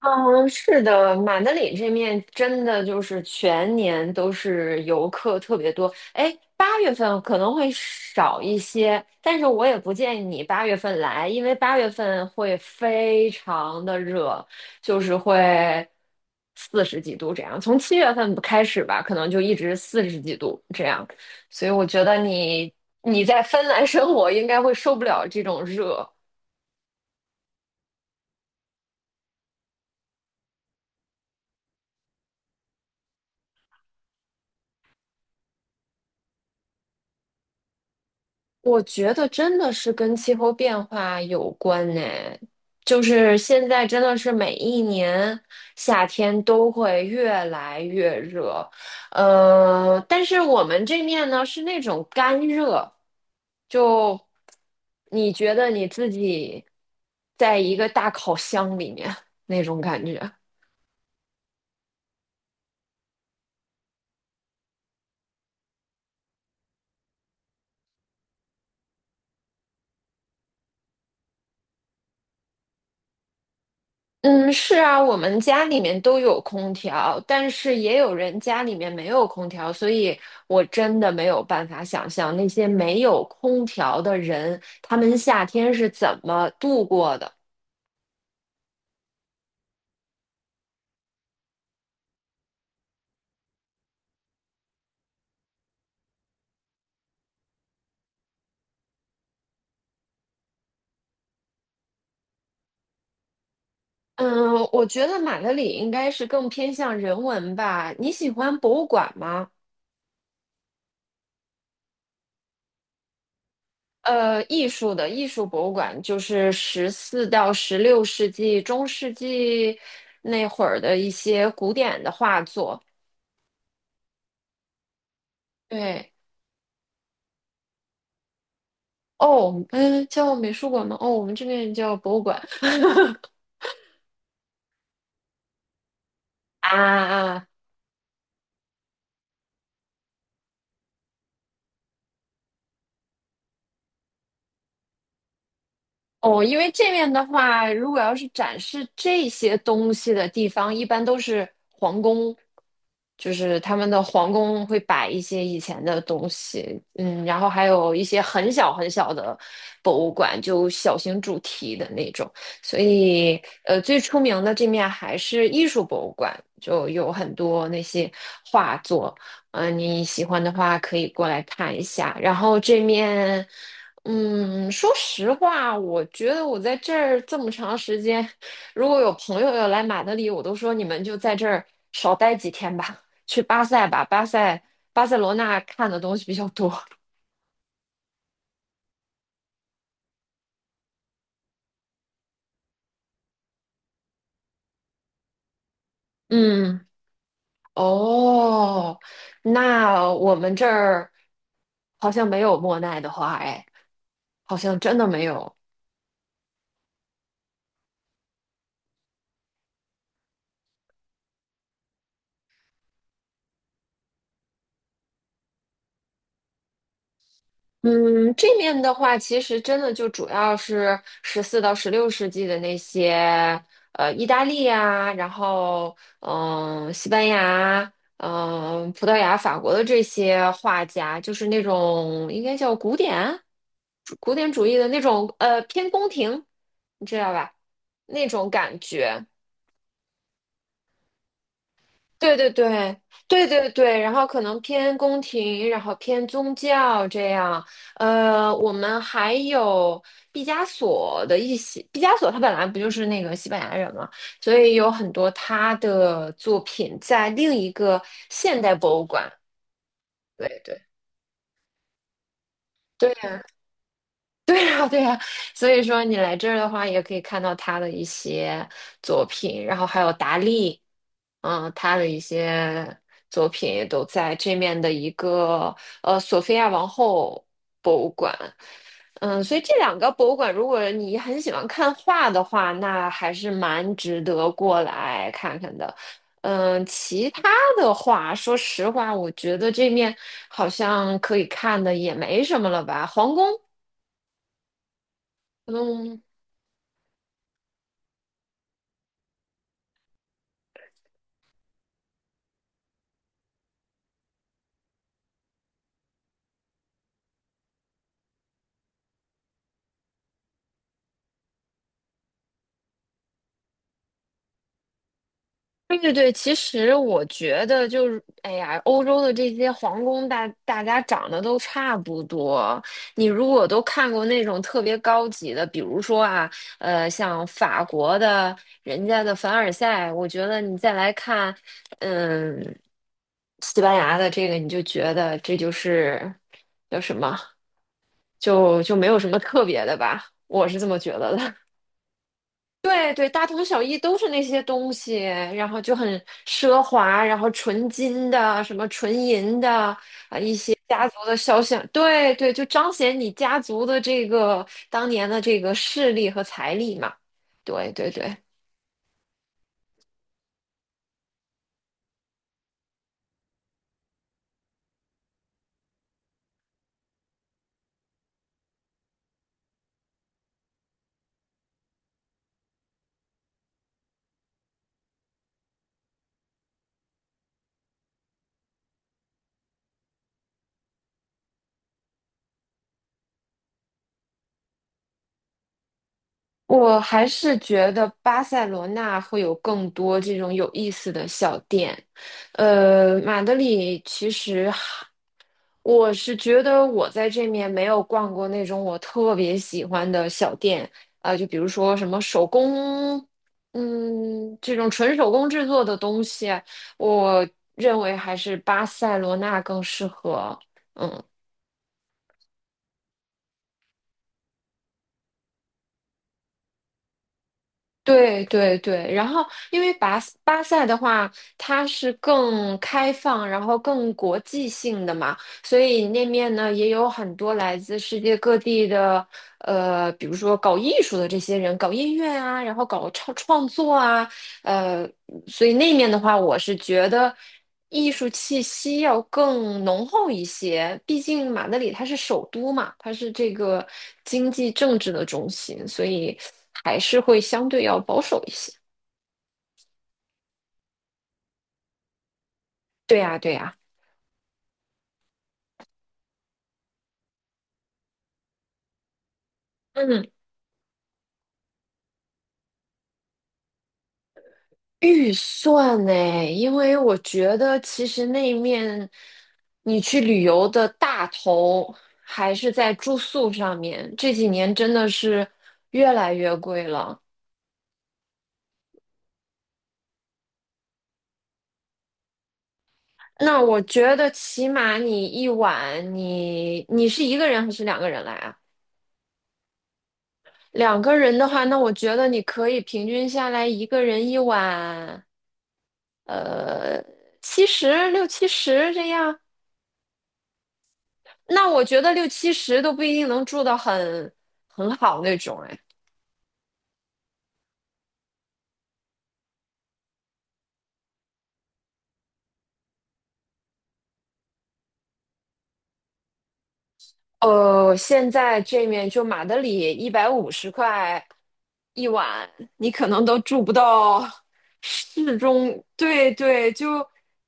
嗯，是的，马德里这面真的就是全年都是游客特别多。哎，八月份可能会少一些，但是我也不建议你八月份来，因为八月份会非常的热，就是会四十几度这样。从7月份开始吧，可能就一直四十几度这样。所以我觉得你在芬兰生活应该会受不了这种热。我觉得真的是跟气候变化有关呢，就是现在真的是每一年夏天都会越来越热，但是我们这面呢是那种干热，就你觉得你自己在一个大烤箱里面 那种感觉。嗯，是啊，我们家里面都有空调，但是也有人家里面没有空调，所以我真的没有办法想象那些没有空调的人，他们夏天是怎么度过的。嗯，我觉得马德里应该是更偏向人文吧。你喜欢博物馆吗？艺术博物馆就是十四到十六世纪、中世纪那会儿的一些古典的画作。对。哦，嗯，叫美术馆吗？哦，我们这边叫博物馆。啊啊，哦，因为这面的话，如果要是展示这些东西的地方，一般都是皇宫，就是他们的皇宫会摆一些以前的东西，然后还有一些很小很小的博物馆，就小型主题的那种。所以，最出名的这面还是艺术博物馆，就有很多那些画作，你喜欢的话可以过来看一下。然后这面。嗯，说实话，我觉得我在这儿这么长时间，如果有朋友要来马德里，我都说你们就在这儿少待几天吧，去巴塞吧，巴塞罗那看的东西比较多。嗯，哦，那我们这儿好像没有莫奈的花，哎，好像真的没有。嗯，这面的话，其实真的就主要是十四到十六世纪的那些，意大利呀，然后西班牙，葡萄牙、法国的这些画家，就是那种应该叫古典主义的那种，偏宫廷，你知道吧？那种感觉。对对对对对对，然后可能偏宫廷，然后偏宗教这样。我们还有毕加索的一些，毕加索他本来不就是那个西班牙人嘛，所以有很多他的作品在另一个现代博物馆。对对。对。对呀，对呀，所以说你来这儿的话，也可以看到他的一些作品，然后还有达利，他的一些作品也都在这面的一个索菲亚王后博物馆，嗯，所以这两个博物馆，如果你很喜欢看画的话，那还是蛮值得过来看看的。嗯，其他的话，说实话，我觉得这面好像可以看的也没什么了吧，皇宫。嗯，对对对，其实我觉得就是，哎呀，欧洲的这些皇宫大，大家长得都差不多。你如果都看过那种特别高级的，比如说啊，像法国的人家的凡尔赛，我觉得你再来看，嗯，西班牙的这个，你就觉得这就是叫什么，就没有什么特别的吧，我是这么觉得的。对对，大同小异都是那些东西，然后就很奢华，然后纯金的，什么纯银的，家族的肖像，对对，就彰显你家族的这个当年的这个势力和财力嘛。对对对，我还是觉得巴塞罗那会有更多这种有意思的小店。马德里其实我是觉得我在这面没有逛过那种我特别喜欢的小店，啊、就比如说什么手工，这种纯手工制作的东西，我认为还是巴塞罗那更适合。嗯。对对对，然后因为巴塞的话，它是更开放，然后更国际性的嘛，所以那面呢也有很多来自世界各地的，比如说搞艺术的这些人，搞音乐啊，然后搞创作啊，呃，所以那面的话，我是觉得艺术气息要更浓厚一些。毕竟马德里它是首都嘛，它是这个经济政治的中心，所以还是会相对要保守一些。对呀，对呀，嗯，预算呢？因为我觉得其实那面你去旅游的大头还是在住宿上面，这几年真的是越来越贵了。那我觉得起码你一晚，你是一个人还是两个人来啊？两个人的话，那我觉得你可以平均下来一个人一晚，呃，七十六七十这样。那我觉得六七十都不一定能住到很好那种，哎。现在这面就马德里一百五十块一晚，你可能都住不到 市中，对对，就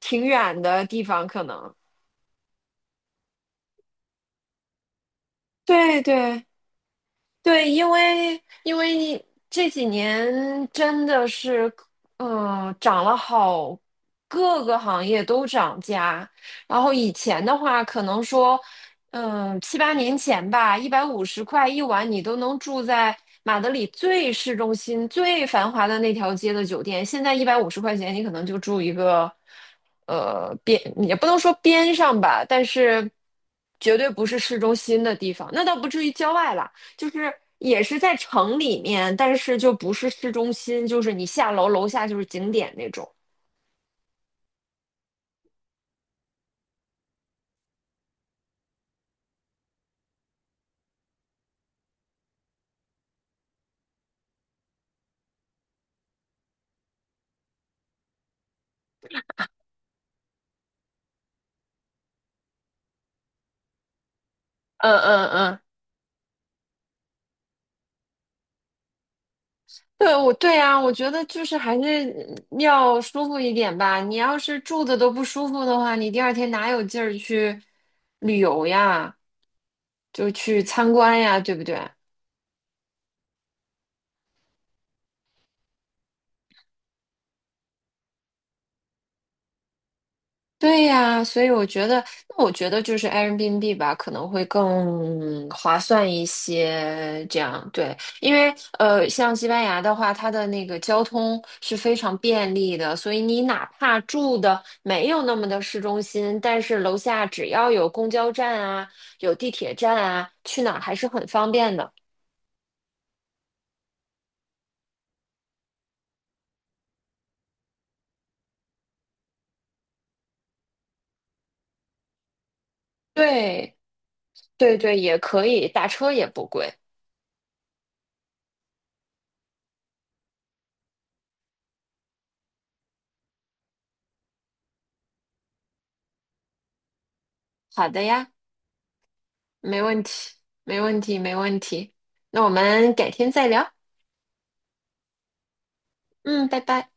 挺远的地方，可能。对对，对，因为这几年真的是，涨了好，各个行业都涨价。然后以前的话，可能说，七八年前吧，一百五十块一晚，你都能住在马德里最市中心、最繁华的那条街的酒店。现在150块钱，你可能就住一个，边也不能说边上吧，但是绝对不是市中心的地方。那倒不至于郊外啦。就是也是在城里面，但是就不是市中心，就是你下楼楼下就是景点那种。嗯嗯嗯，对，对呀，我觉得就是还是要舒服一点吧。你要是住的都不舒服的话，你第二天哪有劲儿去旅游呀？就去参观呀，对不对？对呀，所以我觉得，那我觉得就是 Airbnb 吧，可能会更划算一些。这样对，因为像西班牙的话，它的那个交通是非常便利的，所以你哪怕住的没有那么的市中心，但是楼下只要有公交站啊，有地铁站啊，去哪儿还是很方便的。对，对对，也可以，打车也不贵。好的呀，没问题，没问题，没问题。那我们改天再聊。嗯，拜拜。